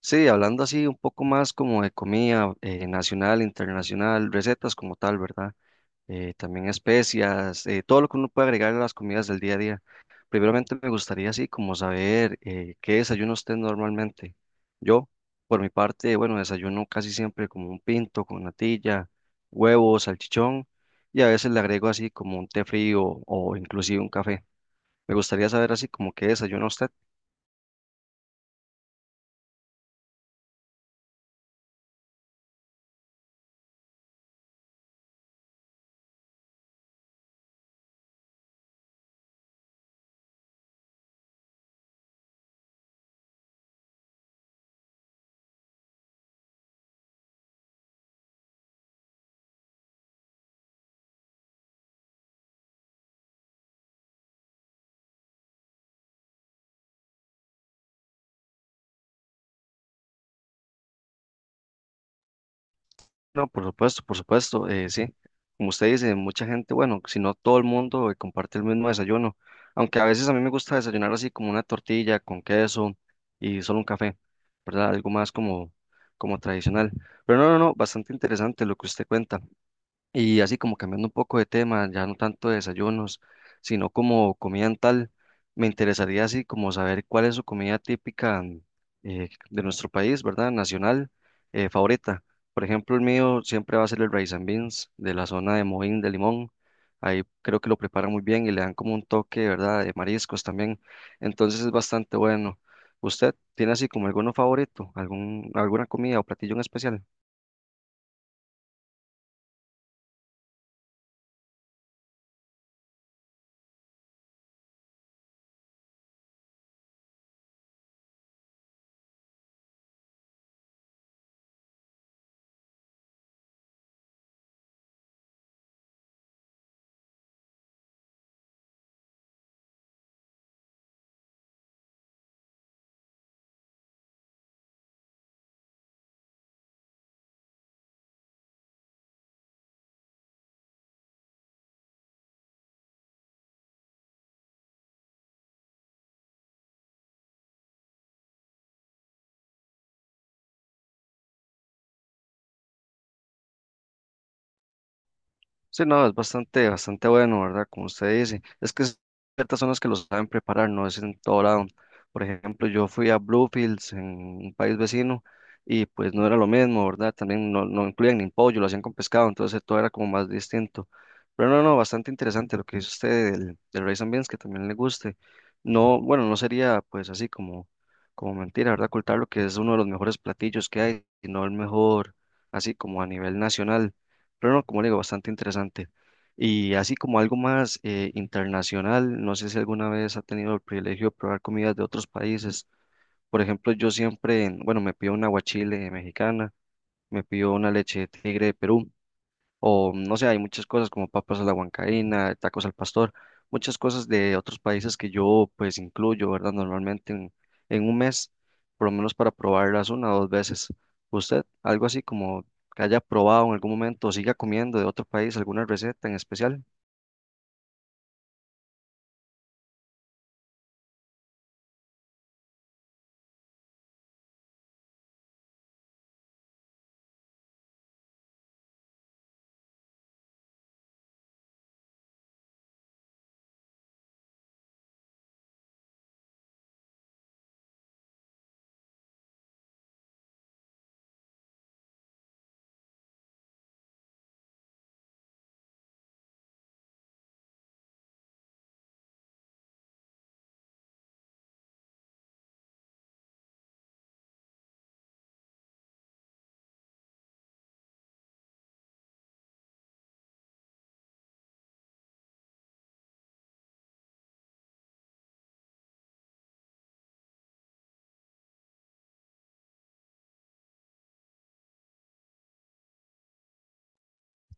Sí, hablando así un poco más como de comida nacional, internacional, recetas como tal, ¿verdad? También especias, todo lo que uno puede agregar a las comidas del día a día. Primeramente me gustaría así como saber qué desayuno usted normalmente. Yo, por mi parte, bueno, desayuno casi siempre como un pinto con natilla, huevo, salchichón y a veces le agrego así como un té frío o inclusive un café. Me gustaría saber así como qué desayuna usted. No, por supuesto, sí. Como usted dice, mucha gente, bueno, si no todo el mundo comparte el mismo desayuno, aunque a veces a mí me gusta desayunar así como una tortilla con queso y solo un café, ¿verdad? Algo más como, como tradicional. Pero no, bastante interesante lo que usted cuenta. Y así como cambiando un poco de tema, ya no tanto de desayunos, sino como comida en tal, me interesaría así como saber cuál es su comida típica de nuestro país, ¿verdad? Nacional, favorita. Por ejemplo, el mío siempre va a ser el rice and beans de la zona de Moín de Limón. Ahí creo que lo preparan muy bien y le dan como un toque, ¿verdad? De mariscos también. Entonces es bastante bueno. ¿Usted tiene así como alguno favorito, algún, alguna comida o platillo en especial? Sí, no, es bastante, bastante bueno, ¿verdad? Como usted dice, ciertas zonas que lo saben preparar, no es en todo lado. Por ejemplo, yo fui a Bluefields en un país vecino y pues no era lo mismo, ¿verdad? También no incluían ni pollo, lo hacían con pescado, entonces todo era como más distinto. Pero no, bastante interesante lo que dice usted del rice and beans, que también le guste. No, bueno, no sería pues así como, como mentira, ¿verdad? Ocultar lo que es uno de los mejores platillos que hay, y no el mejor, así como a nivel nacional. Pero no, como le digo, bastante interesante. Y así como algo más internacional, no sé si alguna vez ha tenido el privilegio de probar comidas de otros países. Por ejemplo, yo siempre, bueno, me pido una guachile mexicana, me pido una leche de tigre de Perú o no sé, hay muchas cosas como papas a la huancaína, tacos al pastor, muchas cosas de otros países que yo pues incluyo, ¿verdad? Normalmente en un mes, por lo menos para probarlas una o dos veces. ¿Usted algo así como que haya probado en algún momento o siga comiendo de otro país alguna receta en especial?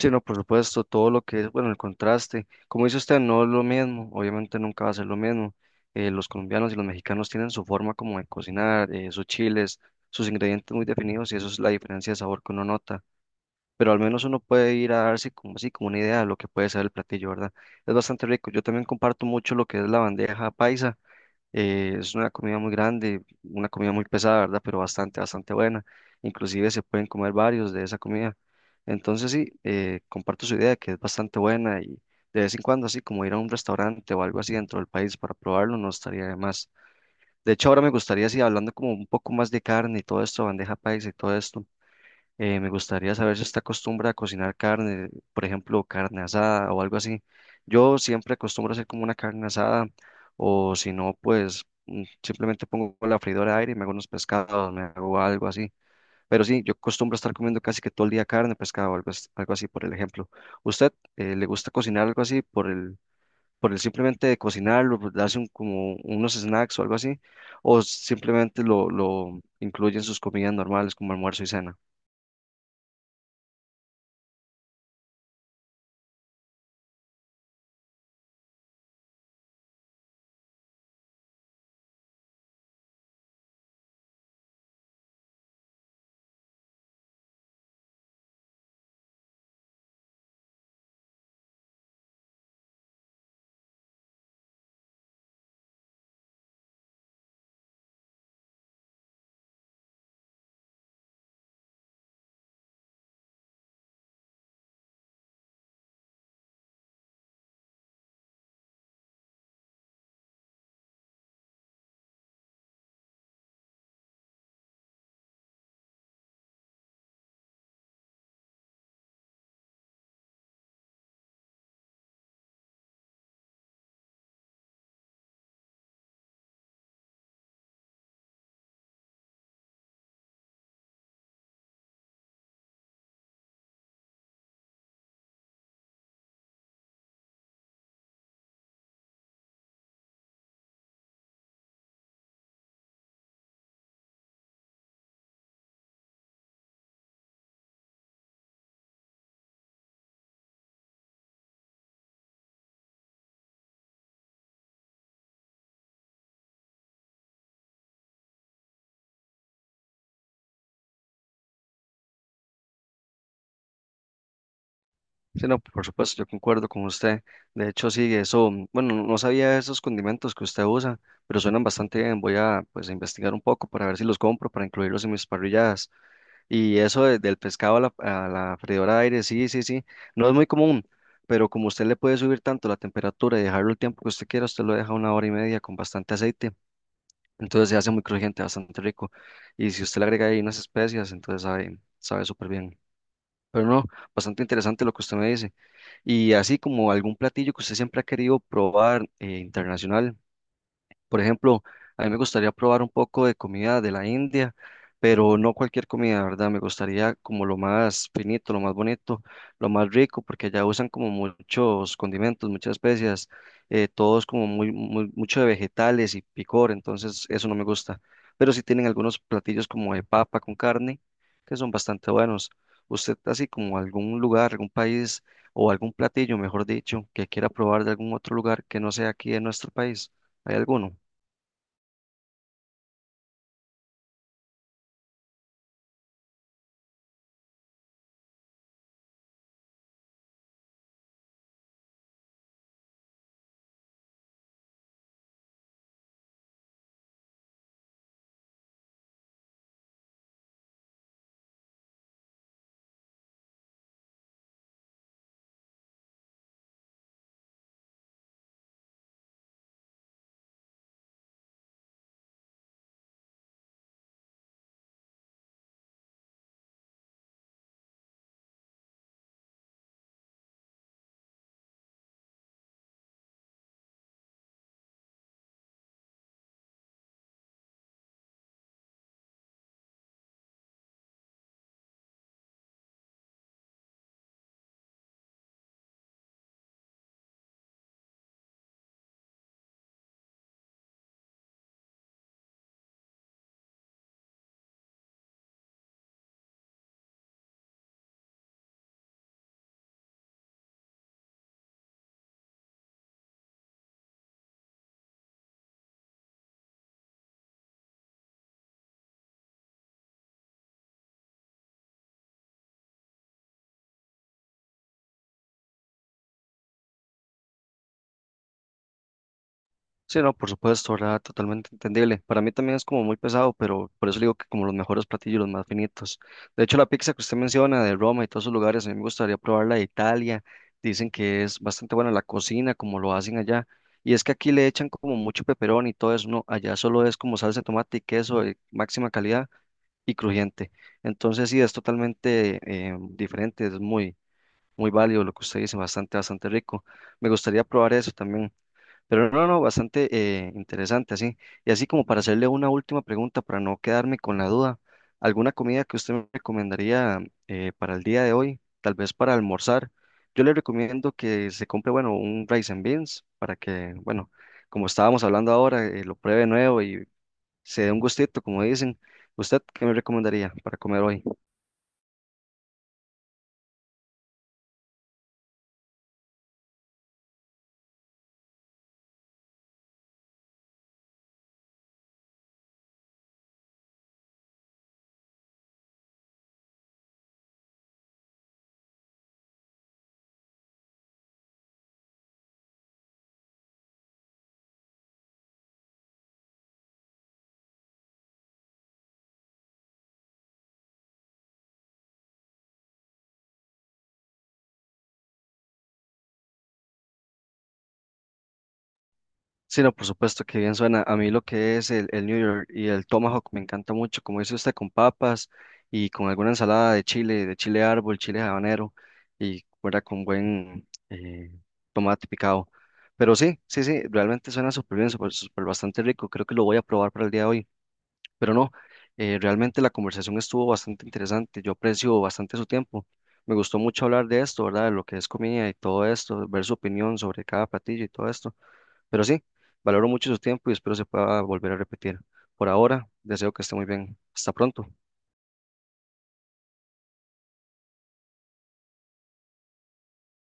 Sí, no, por supuesto, todo lo que es, bueno, el contraste. Como dice usted, no es lo mismo, obviamente nunca va a ser lo mismo. Los colombianos y los mexicanos tienen su forma como de cocinar, sus chiles, sus ingredientes muy definidos y eso es la diferencia de sabor que uno nota. Pero al menos uno puede ir a darse como así, como una idea de lo que puede ser el platillo, ¿verdad? Es bastante rico. Yo también comparto mucho lo que es la bandeja paisa. Es una comida muy grande, una comida muy pesada, ¿verdad? Pero bastante, bastante buena. Inclusive se pueden comer varios de esa comida. Entonces sí, comparto su idea de que es bastante buena y de vez en cuando así como ir a un restaurante o algo así dentro del país para probarlo no estaría de más. De hecho, ahora me gustaría, así hablando como un poco más de carne y todo esto, bandeja paisa y todo esto. Me gustaría saber si usted acostumbra a cocinar carne, por ejemplo, carne asada o algo así. Yo siempre acostumbro a hacer como una carne asada o si no, pues simplemente pongo la freidora de aire y me hago unos pescados, me hago algo así. Pero sí, yo acostumbro a estar comiendo casi que todo el día carne, pescado, algo, algo así, por el ejemplo. ¿Usted le gusta cocinar algo así por el simplemente de cocinarlo, por darse como unos snacks o algo así? ¿O simplemente lo incluye en sus comidas normales como almuerzo y cena? Sí, no, por supuesto, yo concuerdo con usted. De hecho, sí, eso, bueno, no sabía esos condimentos que usted usa, pero suenan bastante bien. Voy a, pues, a investigar un poco para ver si los compro, para incluirlos en mis parrilladas. Y eso del pescado a a la freidora de aire, sí, no es muy común, pero como usted le puede subir tanto la temperatura y dejarlo el tiempo que usted quiera, usted lo deja una hora y media con bastante aceite. Entonces se hace muy crujiente, bastante rico. Y si usted le agrega ahí unas especias, entonces sabe, sabe súper bien. Pero no, bastante interesante lo que usted me dice. Y así como algún platillo que usted siempre ha querido probar internacional. Por ejemplo, a mí me gustaría probar un poco de comida de la India, pero no cualquier comida, ¿verdad? Me gustaría como lo más finito, lo más bonito, lo más rico, porque allá usan como muchos condimentos, muchas especias, todos como muy, mucho de vegetales y picor, entonces eso no me gusta. Pero sí tienen algunos platillos como de papa con carne, que son bastante buenos. ¿Usted así como algún lugar, algún país o algún platillo, mejor dicho, que quiera probar de algún otro lugar que no sea aquí en nuestro país? ¿Hay alguno? Sí, no, por supuesto, ¿verdad? Totalmente entendible. Para mí también es como muy pesado, pero por eso le digo que como los mejores platillos, los más finitos. De hecho, la pizza que usted menciona de Roma y todos esos lugares, a mí me gustaría probarla de Italia. Dicen que es bastante buena la cocina, como lo hacen allá. Y es que aquí le echan como mucho peperón y todo eso, ¿no? Allá solo es como salsa de tomate y queso de máxima calidad y crujiente. Entonces, sí, es totalmente diferente, es muy, muy válido lo que usted dice, bastante, bastante rico. Me gustaría probar eso también. Pero no, bastante interesante, así. Y así como para hacerle una última pregunta, para no quedarme con la duda, ¿alguna comida que usted me recomendaría para el día de hoy? Tal vez para almorzar. Yo le recomiendo que se compre, bueno, un rice and beans para que, bueno, como estábamos hablando ahora, lo pruebe nuevo y se dé un gustito, como dicen. ¿Usted qué me recomendaría para comer hoy? Sí, no, por supuesto que bien suena. A mí lo que es el New York y el Tomahawk me encanta mucho, como dice usted, con papas y con alguna ensalada de chile árbol, chile habanero y fuera con buen tomate picado. Pero sí, realmente suena súper bien, súper, súper bastante rico. Creo que lo voy a probar para el día de hoy. Pero no, realmente la conversación estuvo bastante interesante. Yo aprecio bastante su tiempo. Me gustó mucho hablar de esto, ¿verdad? De lo que es comida y todo esto, ver su opinión sobre cada platillo y todo esto. Pero sí, valoro mucho su tiempo y espero se pueda volver a repetir. Por ahora, deseo que esté muy bien. Hasta pronto.